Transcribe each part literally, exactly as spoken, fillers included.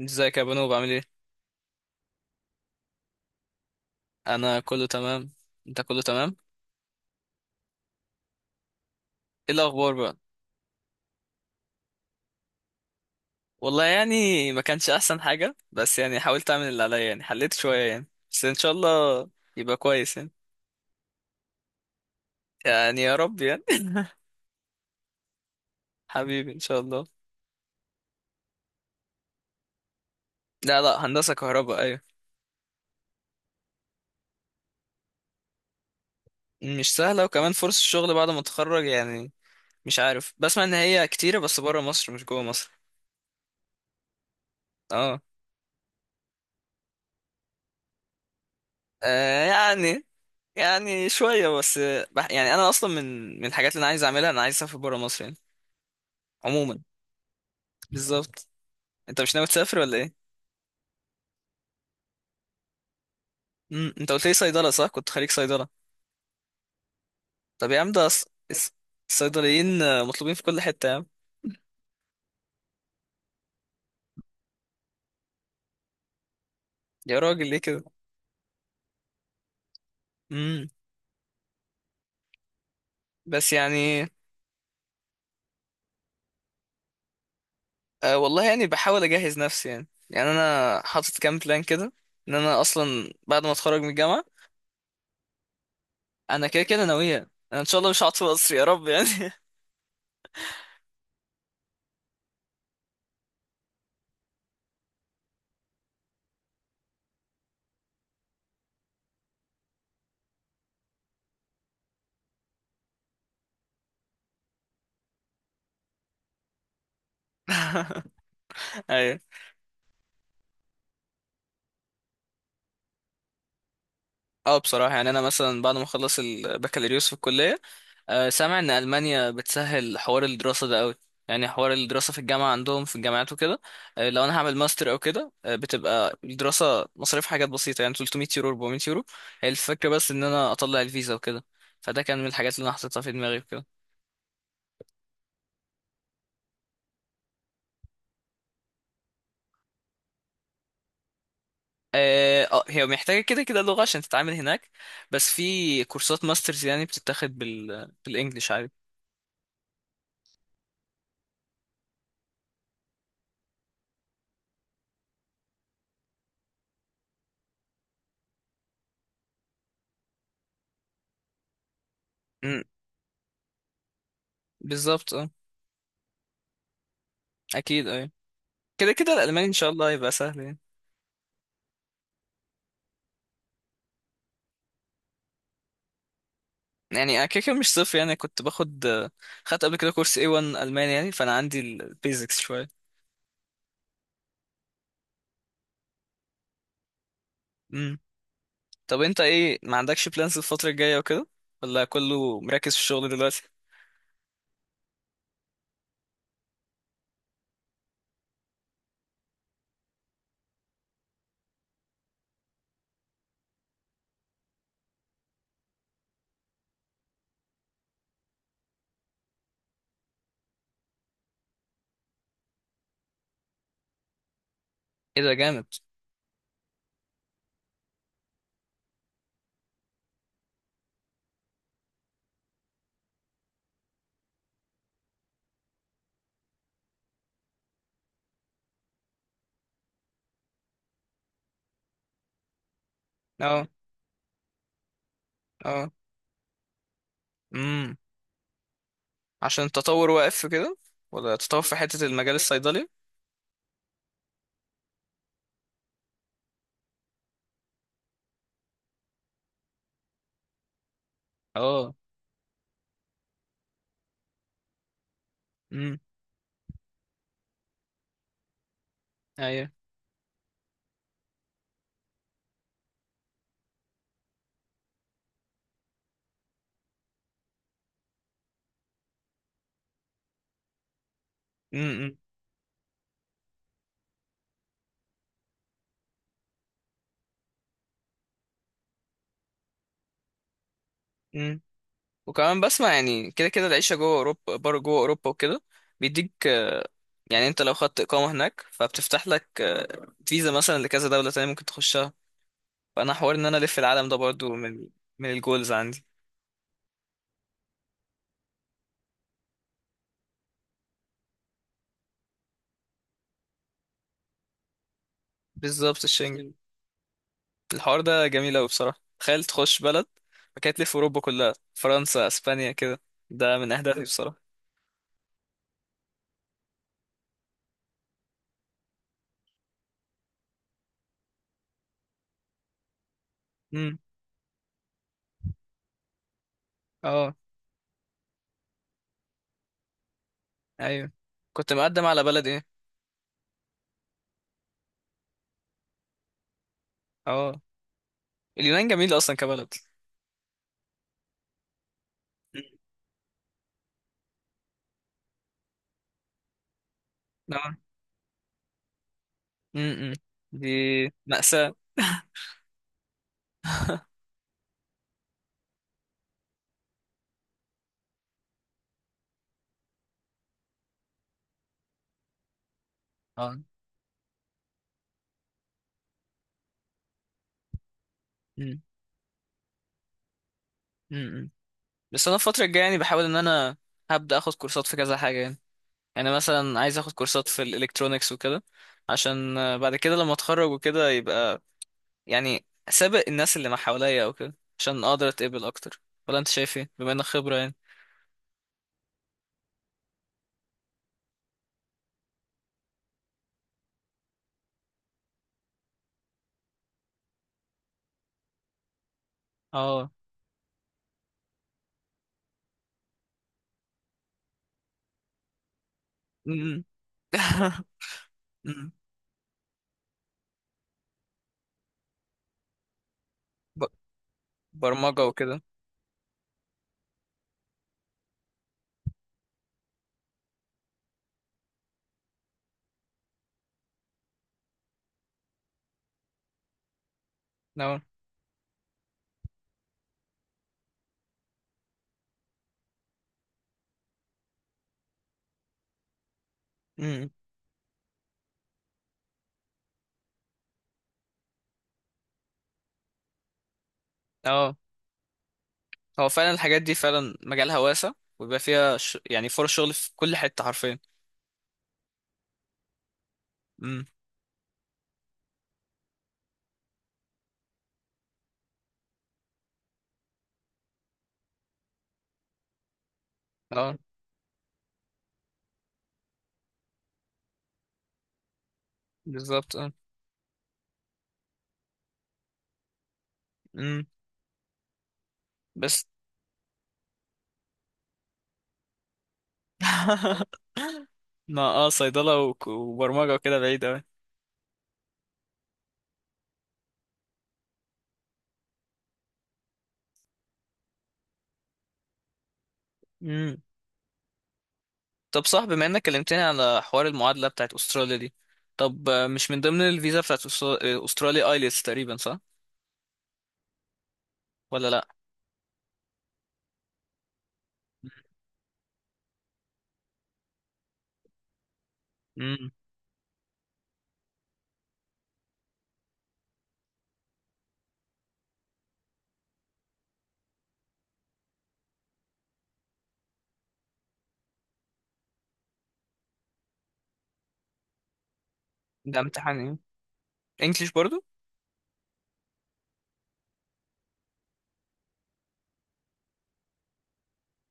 ازيك يا بنو؟ بعمل ايه؟ انا كله تمام. انت كله تمام؟ ايه الاخبار بقى؟ والله، يعني ما كانش احسن حاجه، بس يعني حاولت اعمل اللي عليا، يعني حليت شويه يعني، بس ان شاء الله يبقى كويس يعني. يعني يا رب يعني. حبيبي ان شاء الله. لا لا، هندسه كهرباء، ايوه. مش سهله، وكمان فرص الشغل بعد ما اتخرج يعني. مش عارف، بسمع ان هي كتيره بس بره مصر، مش جوه مصر. اه. آه، يعني. يعني شويه بس، آه، بح- يعني انا اصلا من من الحاجات اللي انا عايز اعملها، انا عايز اسافر بره مصر يعني. عموما. بالظبط. انت مش ناوي تسافر ولا ايه؟ امم انت قلت لي صيدله، صح؟ كنت خريج صيدله؟ طب يا عم، ده الص- الص- الصيدليين آه، مطلوبين في كل حته يا عم. يا راجل، ليه كده؟ امم. بس يعني. آه، والله يعني بحاول اجهز نفسي يعني يعني انا حاطط كام بلان كده. ان انا اصلا بعد ما اتخرج من الجامعه. انا كده كده ناويه، انا ان شاء الله مش هقعد في مصر، يا رب يعني. ايوه. اه، بصراحة يعني أنا مثلا بعد ما أخلص البكالوريوس في الكلية، آه، سامع إن ألمانيا بتسهل حوار الدراسة ده أوي. يعني حوار الدراسة في الجامعة عندهم، في الجامعات وكده. آه، لو أنا هعمل ماستر أو كده، آه، بتبقى الدراسة مصاريف حاجات بسيطة، يعني تلتمية يورو اربعمية يورو. هي الفكرة بس إن أنا أطلع الفيزا وكده. فده كان من الحاجات اللي أنا حطيتها في دماغي وكده. اه، آه، هي محتاجة كده كده لغة عشان تتعامل هناك. بس في كورسات ماسترز يعني بتتاخد بال بالإنجلش عادي. مم، بالظبط، اه. أكيد، اه. كده كده الالماني ان شاء الله هيبقى سهل يعني. يعني أنا كده كده مش صفر يعني، كنت باخد، خدت قبل كده كورس إيه ون الماني، يعني فانا عندي البيزكس شويه. امم. طب انت ايه، ما عندكش بلانز الفتره الجايه وكده؟ ولا كله مركز في الشغل دلوقتي؟ ايه ده، جامد! اه. اه. امم. عشان التطور واقف كده؟ ولا تطور في حته المجال الصيدلي؟ اه. امم. ايوه. امم. وكمان بسمع يعني كده كده العيشة جوه أوروبا، بره جوه أوروبا وكده. بيديك آه، يعني، أنت لو خدت إقامة هناك فبتفتح لك آه، فيزا مثلا لكذا دولة تانية ممكن تخشها. فأنا حوار إن أنا ألف العالم ده برضو من من الجولز عندي. بالظبط، الشنجن. الحوار ده جميل أوي بصراحة، تخيل تخش بلد فكانت تلف أوروبا كلها، فرنسا أسبانيا كده. ده من أهدافي بصراحة. امم. اه. أيوه. كنت مقدم على بلد إيه؟ اه، اليونان جميلة أصلا كبلد. مم. اه. امم. دي مأساة. اه. امم. امم. بس انا الفتره الجايه يعني بحاول ان انا هبدا اخد كورسات في كذا حاجه يعني. يعني مثلا عايز اخد كورسات في الالكترونيكس وكده. عشان آه، بعد كده لما اتخرج وكده يبقى، يعني سابق الناس اللي ما حواليا او كده، عشان اقدر اتقبل اكتر. ولا انت شايف ايه، بما انك خبره يعني؟ اه. امم. أمم. ب- برمجه وكده. اه. أمم. اه، هو فعلا الحاجات دي فعلا مجالها واسع. ويبقى فيها ش... يعني فرص شغل في كل حته حرفيا. امم. اه. بالظبط. اه. بس. ما اه صيدلة وك- وبرمجة وكده بعيد أوي. مم. طب صح، بما إنك كلمتني على حوار المعادلة بتاعت أستراليا دي، طب آه، مش من ضمن الفيزا بتاعت أسترا- آه، أستراليا آيلتس تقريبا، صح ولا لأ؟ امم. ده امتحان ايه؟ انجليش برضو؟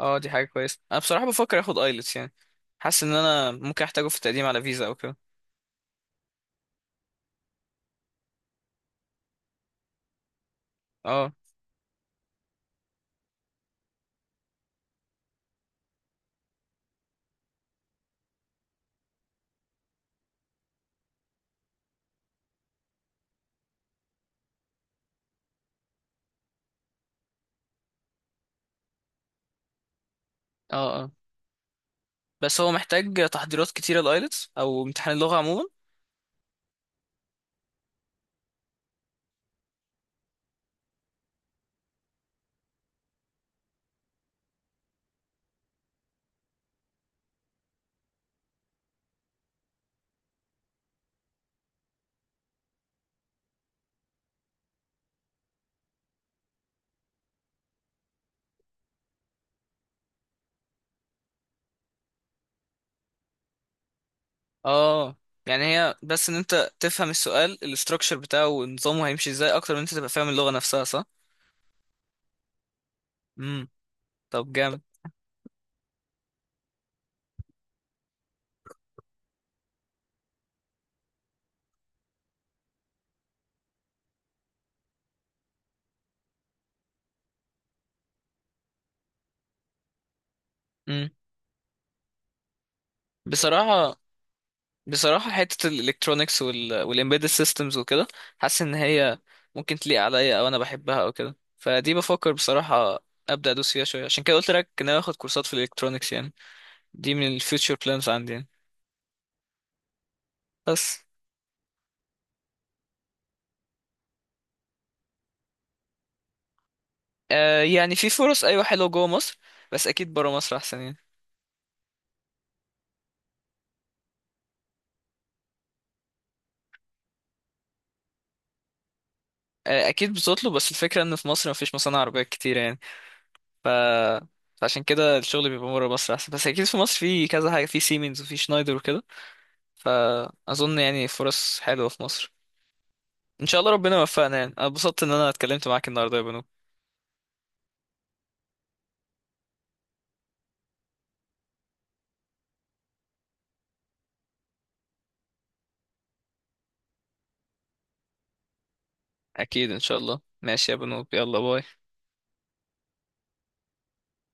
اه، دي حاجه كويسه، انا بصراحه بفكر اخد ايلتس يعني. حاسس ان انا ممكن احتاجه في التقديم على فيزا او كده. اه. اه. اه، بس هو محتاج تحضيرات كتيره الايلتس او امتحان اللغه عموما. اه. يعني هي بس ان انت تفهم السؤال الاستراكشر بتاعه ونظامه هيمشي ازاي، اكتر من انت تبقى فاهم اللغة نفسها، صح؟ امم. طب، جامد. امم. بصراحة، بصراحة حتة الالكترونيكس وال والامبيدد سيستمز وكده، حاسس ان هي ممكن تليق عليا، او انا بحبها او كده، فدي بفكر بصراحة ابدا ادوس فيها شوية، عشان كده قلت لك ان انا اخد كورسات في الالكترونيكس يعني. دي من الفيوتشر بلانز عندي يعني. بس آه يعني في فرص، ايوه حلوه جوه مصر، بس اكيد بره مصر احسن يعني. آه، اكيد بتطلب، بس الفكره ان في مصر مفيش مصانع عربيات كتير يعني. ف فعشان كده الشغل بيبقى بره مصر احسن، بس اكيد في مصر في كذا حاجه، في سيمنز وفي شنايدر وكده. فاظن يعني فرص حلوه في مصر. ان شاء الله ربنا يوفقنا، يعني انا اتبسطت ان انا اتكلمت معاك النهارده يا بنو. اكيد ان شاء الله، ماشي يا بنو، يلا باي.